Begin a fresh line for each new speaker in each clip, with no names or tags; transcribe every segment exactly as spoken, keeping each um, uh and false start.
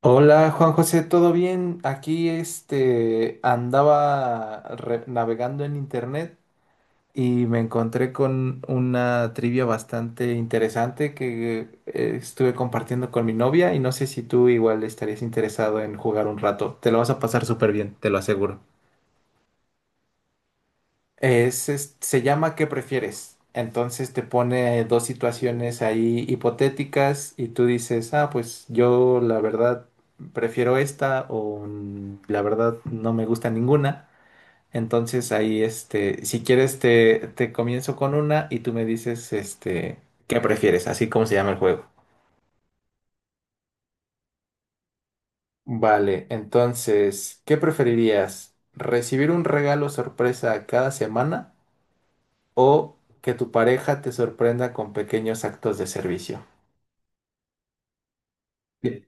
Hola Juan José, ¿todo bien? Aquí este andaba re- navegando en internet y me encontré con una trivia bastante interesante que eh, estuve compartiendo con mi novia y no sé si tú igual estarías interesado en jugar un rato. Te lo vas a pasar súper bien, te lo aseguro. Es, es- se llama ¿qué prefieres? Entonces te pone dos situaciones ahí hipotéticas y tú dices, ah, pues yo la verdad prefiero esta o mm, la verdad no me gusta ninguna. Entonces ahí, este, si quieres te, te comienzo con una y tú me dices, este, ¿qué prefieres? Así como se llama el juego. Vale, entonces, ¿qué preferirías? ¿Recibir un regalo sorpresa cada semana o que tu pareja te sorprenda con pequeños actos de servicio? Sí,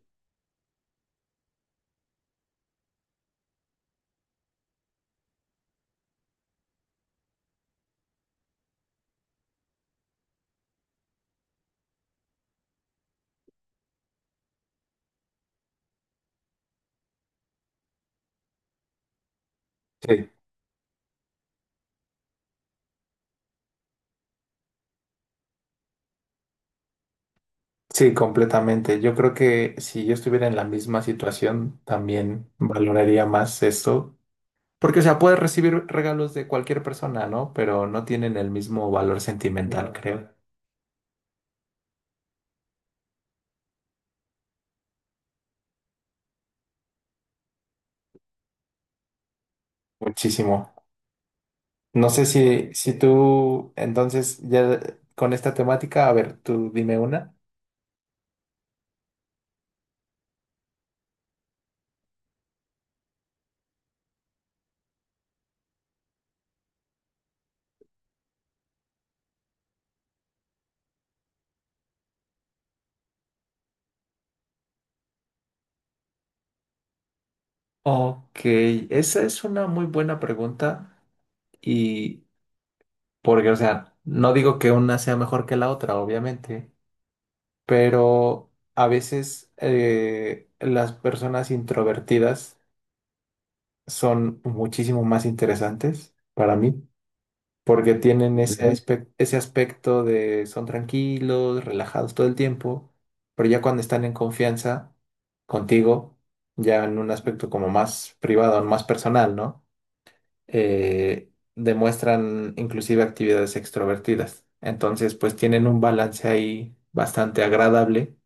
sí, sí, completamente. Yo creo que si yo estuviera en la misma situación, también valoraría más esto. Porque, o sea, puedes recibir regalos de cualquier persona, ¿no? Pero no tienen el mismo valor sentimental, creo. Muchísimo. No sé si, si tú, entonces, ya con esta temática, a ver, tú dime una. Ok, esa es una muy buena pregunta y, porque, o sea, no digo que una sea mejor que la otra, obviamente, pero a veces eh, las personas introvertidas son muchísimo más interesantes para mí, porque tienen ese aspe- ese aspecto de son tranquilos, relajados todo el tiempo, pero ya cuando están en confianza contigo, ya en un aspecto como más privado, más personal, ¿no? Eh, demuestran inclusive actividades extrovertidas. Entonces, pues tienen un balance ahí bastante agradable,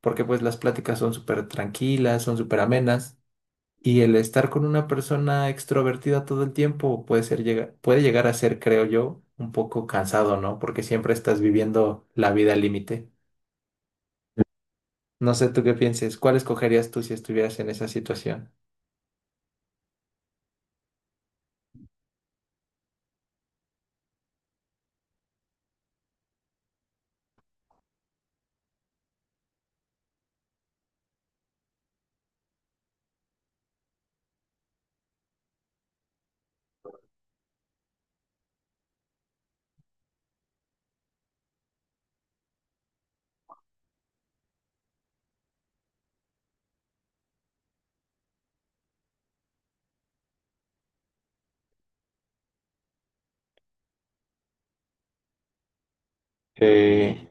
porque pues las pláticas son súper tranquilas, son súper amenas, y el estar con una persona extrovertida todo el tiempo puede ser, llega- puede llegar a ser, creo yo, un poco cansado, ¿no? Porque siempre estás viviendo la vida al límite. No sé tú qué pienses, ¿cuál escogerías tú si estuvieras en esa situación? Sí.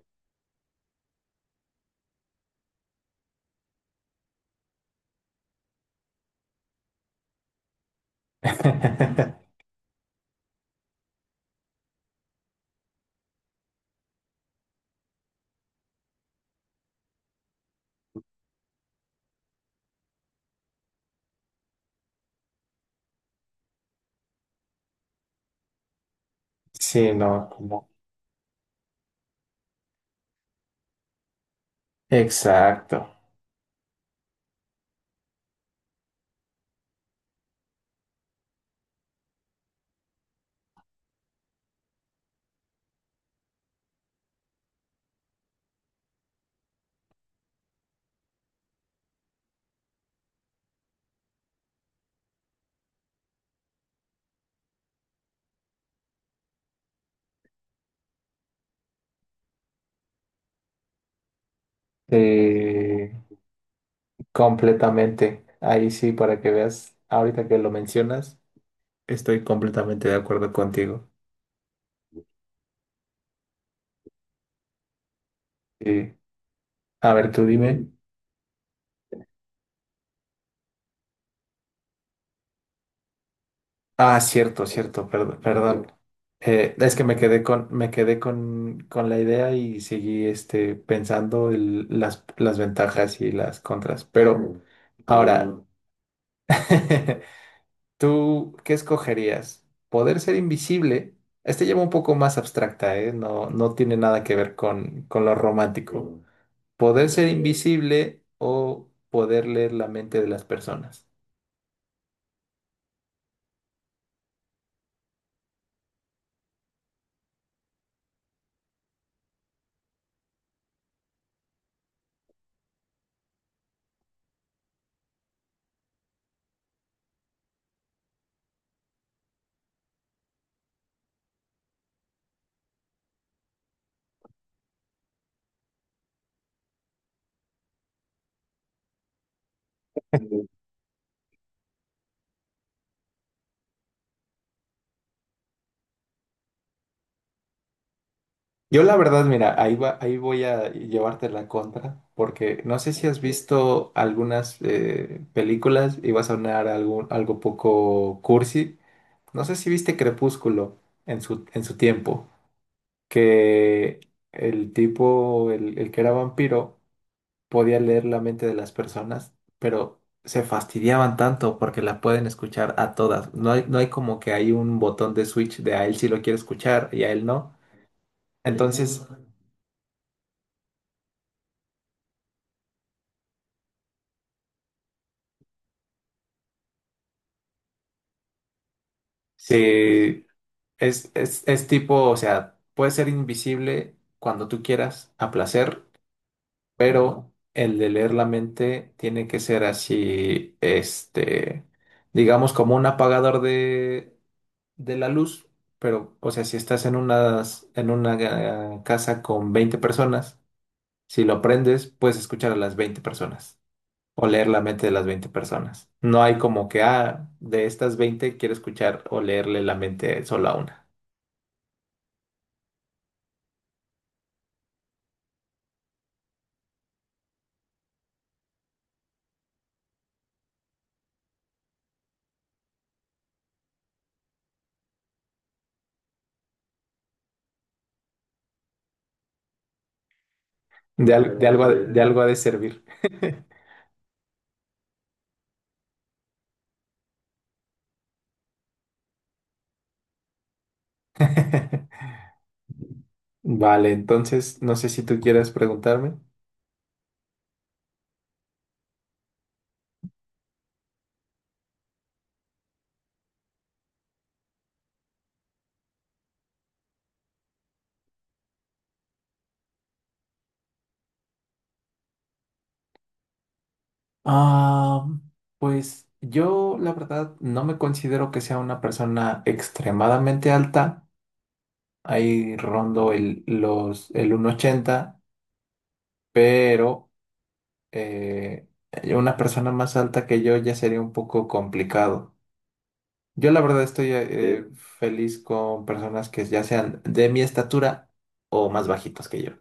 Sí, no, como- exacto. Sí, completamente. Ahí sí, para que veas, ahorita que lo mencionas, estoy completamente de acuerdo contigo. Sí. A ver, tú dime. Ah, cierto, cierto, perdón, perdón. Eh, es que me quedé con, me quedé con, con la idea y seguí este, pensando el- las, las ventajas y las contras. Pero ahora, ¿tú qué escogerías? ¿Poder ser invisible? Este lleva un poco más abstracta, ¿eh? No, no tiene nada que ver con, con lo romántico. ¿Poder ser invisible o poder leer la mente de las personas? Yo la verdad, mira, ahí va, ahí voy a llevarte la contra, porque no sé si has visto algunas eh, películas, iba a sonar algún, algo poco cursi. No sé si viste Crepúsculo en su, en su tiempo, que el tipo, el, el que era vampiro, podía leer la mente de las personas, pero se fastidiaban tanto porque la pueden escuchar a todas. No hay, no hay como que hay un botón de switch de a él sí lo quiere escuchar y a él no. Entonces, sí, es, es, es tipo, o sea, puede ser invisible cuando tú quieras, a placer, pero el de leer la mente tiene que ser así, este, digamos, como un apagador de, de la luz, pero, o sea, si estás en unas, en una eh, casa con veinte personas, si lo aprendes, puedes escuchar a las veinte personas o leer la mente de las veinte personas. No hay como que, ah, de estas veinte quiero escuchar o leerle la mente solo a una. De, al- de algo, ha- de algo ha de servir. Vale, entonces, no sé si tú quieres preguntarme. Ah, pues yo, la verdad, no me considero que sea una persona extremadamente alta. Ahí rondo el, los, el uno ochenta, pero eh, una persona más alta que yo ya sería un poco complicado. Yo la verdad estoy eh, sí. Feliz con personas que ya sean de mi estatura o más bajitos que yo.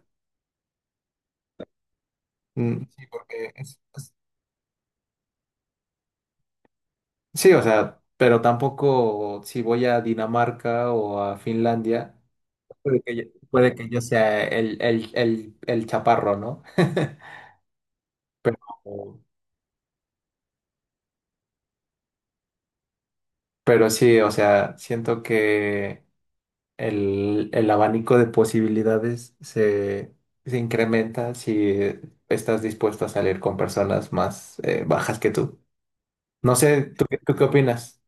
Mm, sí, porque es- es- sí, o sea, pero tampoco si voy a Dinamarca o a Finlandia, puede que yo, puede que yo sea el, el, el, el chaparro, ¿no? Pero sí, o sea, siento que el, el abanico de posibilidades se, se incrementa si estás dispuesto a salir con personas más eh, bajas que tú. No sé, ¿tú, qué- ¿tú qué opinas?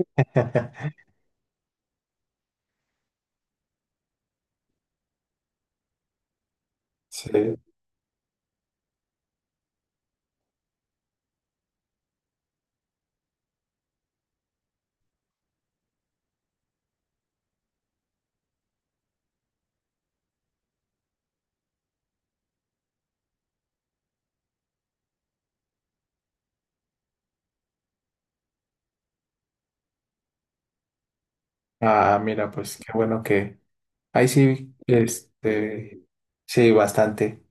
Sí. Ah, mira, pues qué bueno que... Ahí sí, este... Sí, bastante.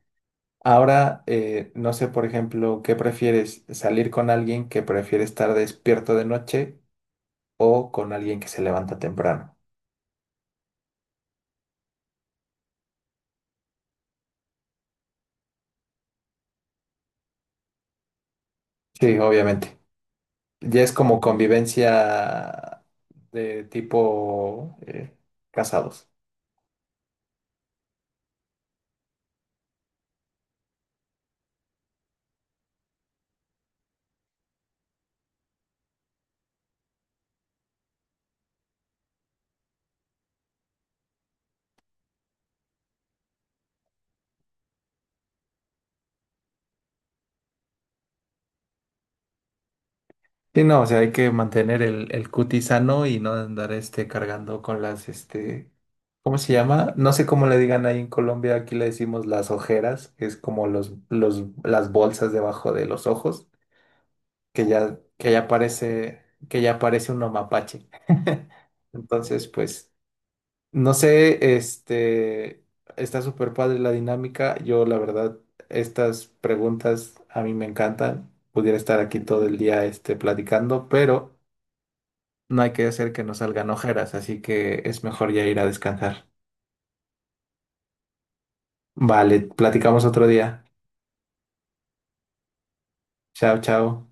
Ahora, eh, no sé, por ejemplo, ¿qué prefieres? ¿Salir con alguien que prefiere estar despierto de noche o con alguien que se levanta temprano? Sí, obviamente. Ya es como convivencia de tipo eh, casados. Sí, no, o sea, hay que mantener el, el cutis sano y no andar este cargando con las, este, ¿cómo se llama? No sé cómo le digan ahí en Colombia, aquí le decimos las ojeras, que es como los, los, las bolsas debajo de los ojos, que ya, que ya parece, que ya parece un mapache. Entonces, pues. No sé, este, está súper padre la dinámica. Yo, la verdad, estas preguntas a mí me encantan. Pudiera estar aquí todo el día, este, platicando, pero no hay que hacer que nos salgan ojeras, así que es mejor ya ir a descansar. Vale, platicamos otro día. Chao, chao.